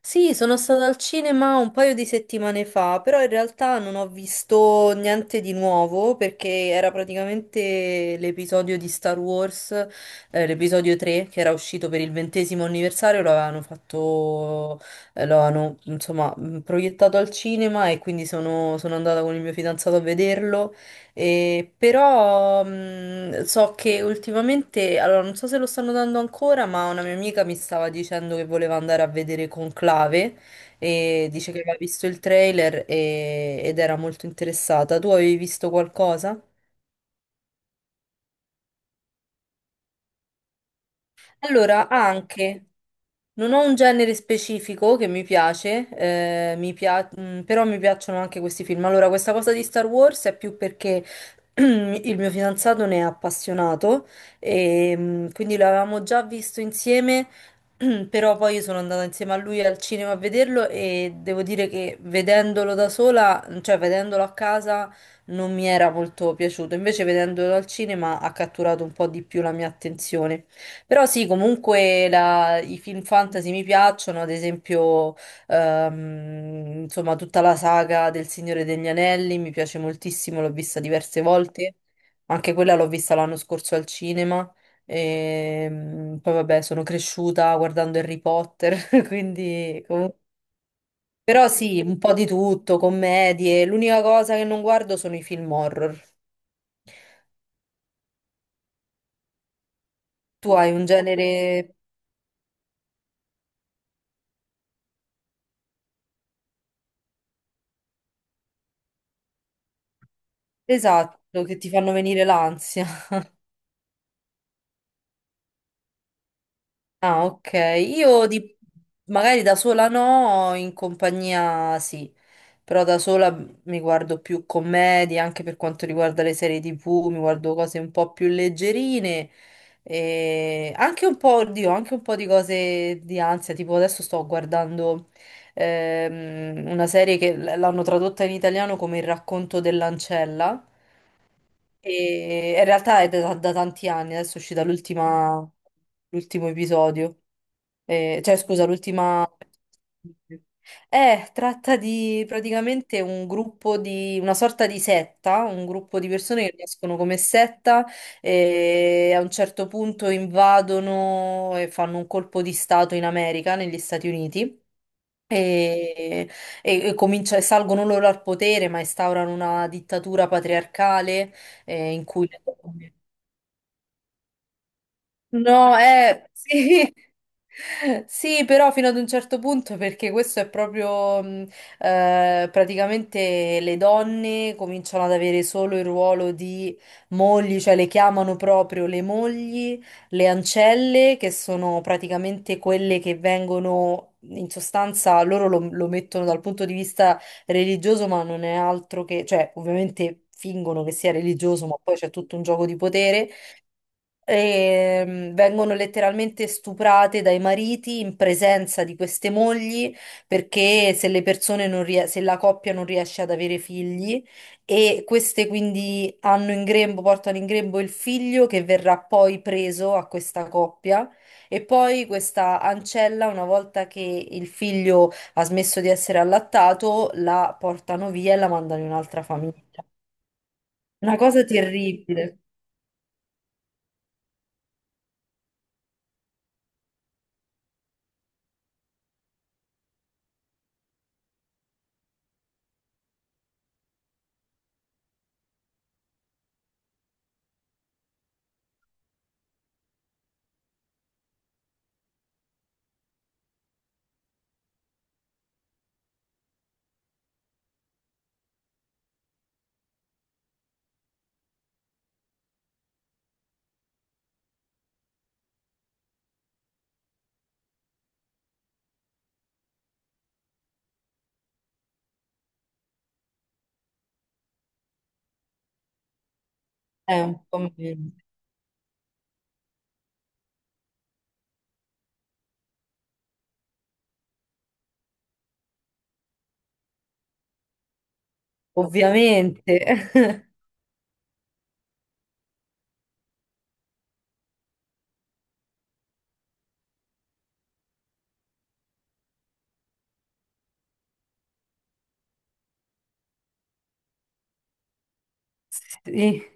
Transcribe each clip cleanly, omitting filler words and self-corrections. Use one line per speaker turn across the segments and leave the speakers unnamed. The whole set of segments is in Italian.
Sì, sono stata al cinema un paio di settimane fa, però in realtà non ho visto niente di nuovo perché era praticamente l'episodio di Star Wars, l'episodio 3 che era uscito per il ventesimo anniversario, lo avevano fatto, lo avevano insomma proiettato al cinema e quindi sono andata con il mio fidanzato a vederlo però so che ultimamente, allora non so se lo stanno dando ancora, ma una mia amica mi stava dicendo che voleva andare a vedere Conclave e dice che aveva visto il trailer ed era molto interessata. Tu avevi visto qualcosa? Allora, anche, non ho un genere specifico che mi piace, però mi piacciono anche questi film. Allora, questa cosa di Star Wars è più perché il mio fidanzato ne è appassionato e quindi l'avevamo già visto insieme, però poi io sono andata insieme a lui al cinema a vederlo e devo dire che vedendolo da sola, cioè vedendolo a casa, non mi era molto piaciuto. Invece vedendolo al cinema ha catturato un po' di più la mia attenzione. Però sì, comunque i film fantasy mi piacciono, ad esempio, insomma, tutta la saga del Signore degli Anelli mi piace moltissimo, l'ho vista diverse volte, anche quella l'ho vista l'anno scorso al cinema, e poi vabbè, sono cresciuta guardando Harry Potter, quindi comunque... Però sì, un po' di tutto, commedie, l'unica cosa che non guardo sono i film horror. Tu hai un genere esatto che ti fanno venire l'ansia. Ah, ok. Io di- Magari da sola no, in compagnia sì, però da sola mi guardo più commedie, anche per quanto riguarda le serie TV, mi guardo cose un po' più leggerine e anche un po', oddio, anche un po' di cose di ansia, tipo adesso sto guardando una serie che l'hanno tradotta in italiano come Il racconto dell'ancella. E in realtà è da tanti anni, adesso è uscita l'ultima, l'ultimo episodio, eh, cioè scusa, l'ultima... tratta di praticamente una sorta di setta, un gruppo di persone che nascono come setta e a un certo punto invadono e fanno un colpo di stato in America, negli Stati Uniti e, salgono loro al potere, ma instaurano una dittatura patriarcale in cui... No, sì. Sì, però fino ad un certo punto, perché questo è proprio praticamente le donne cominciano ad avere solo il ruolo di mogli, cioè le chiamano proprio le mogli, le ancelle, che sono praticamente quelle che vengono. In sostanza loro lo mettono dal punto di vista religioso, ma non è altro che, cioè, ovviamente fingono che sia religioso, ma poi c'è tutto un gioco di potere e, vengono letteralmente stuprate dai mariti in presenza di queste mogli perché se la coppia non riesce ad avere figli e queste quindi hanno in grembo, portano in grembo il figlio che verrà poi preso a questa coppia e poi questa ancella, una volta che il figlio ha smesso di essere allattato, la portano via e la mandano in un'altra famiglia. Una cosa terribile. È un po' meno. Ovviamente. Sì.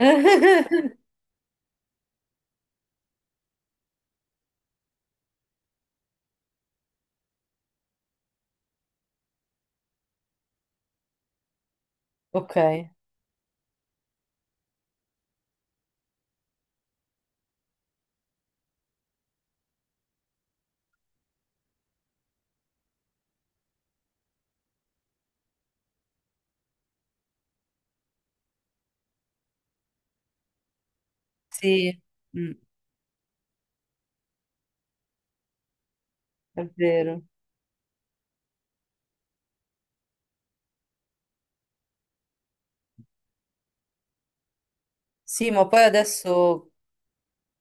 Ok, sì, mm, è vero. Sì, ma poi adesso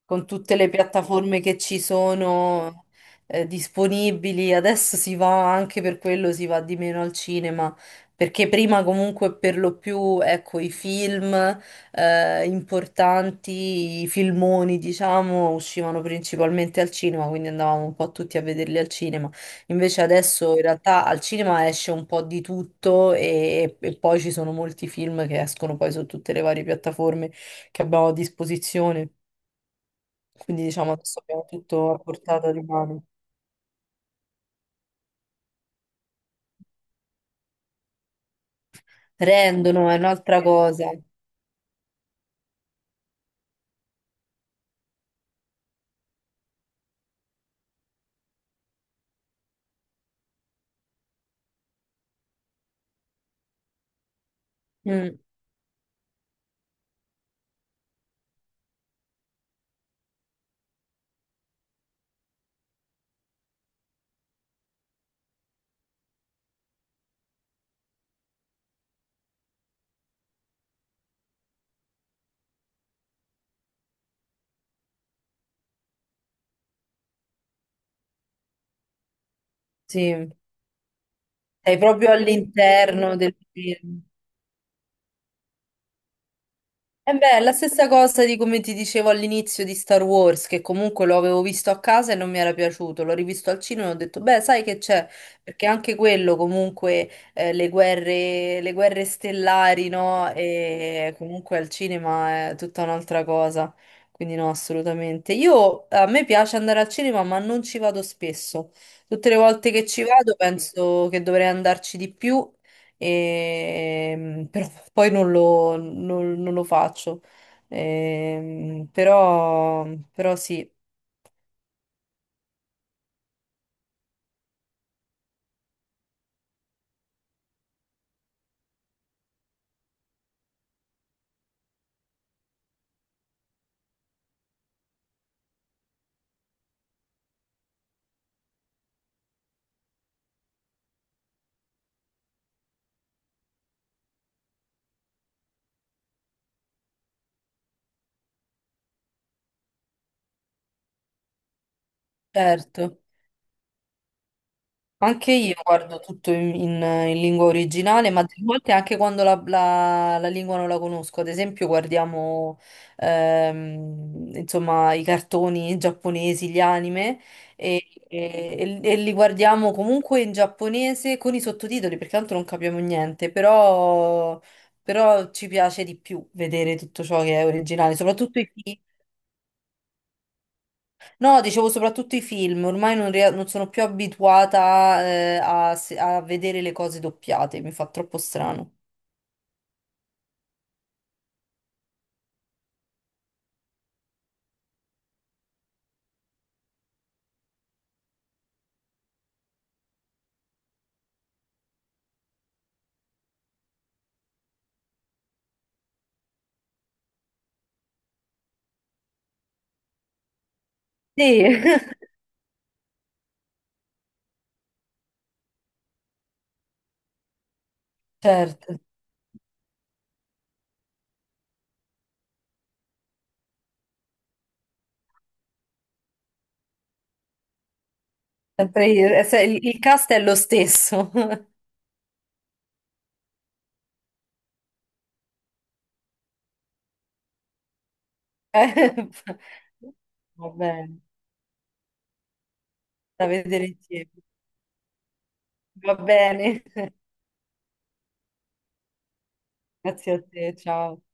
con tutte le piattaforme che ci sono disponibili. Adesso si va anche per quello, si va di meno al cinema, perché prima comunque per lo più, ecco, i film importanti, i filmoni, diciamo, uscivano principalmente al cinema, quindi andavamo un po' tutti a vederli al cinema. Invece adesso in realtà al cinema esce un po' di tutto e poi ci sono molti film che escono poi su tutte le varie piattaforme che abbiamo a disposizione. Quindi diciamo adesso abbiamo tutto a portata di mano. Rendono, è un'altra cosa. Mm, sì, sei proprio all'interno del film. E beh, è la stessa cosa di come ti dicevo all'inizio di Star Wars, che comunque lo avevo visto a casa e non mi era piaciuto, l'ho rivisto al cinema e ho detto, beh, sai che c'è? Perché anche quello comunque, le guerre stellari, no? E comunque al cinema è tutta un'altra cosa, quindi no, assolutamente. A me piace andare al cinema, ma non ci vado spesso. Tutte le volte che ci vado penso che dovrei andarci di più. Però poi non lo faccio. Ehm, però, però sì, certo. Anche io guardo tutto in lingua originale, ma delle volte anche quando la lingua non la conosco. Ad esempio, guardiamo insomma, i cartoni giapponesi, gli anime, e, e li guardiamo comunque in giapponese con i sottotitoli, perché tanto non capiamo niente, però ci piace di più vedere tutto ciò che è originale, soprattutto i... No, dicevo soprattutto i film, ormai non sono più abituata, a, se- a vedere le cose doppiate, mi fa troppo strano. Sì, certo, sempre io- se- il cast è lo stesso. Eh, va bene, da vedere insieme. Va bene, grazie a te, ciao.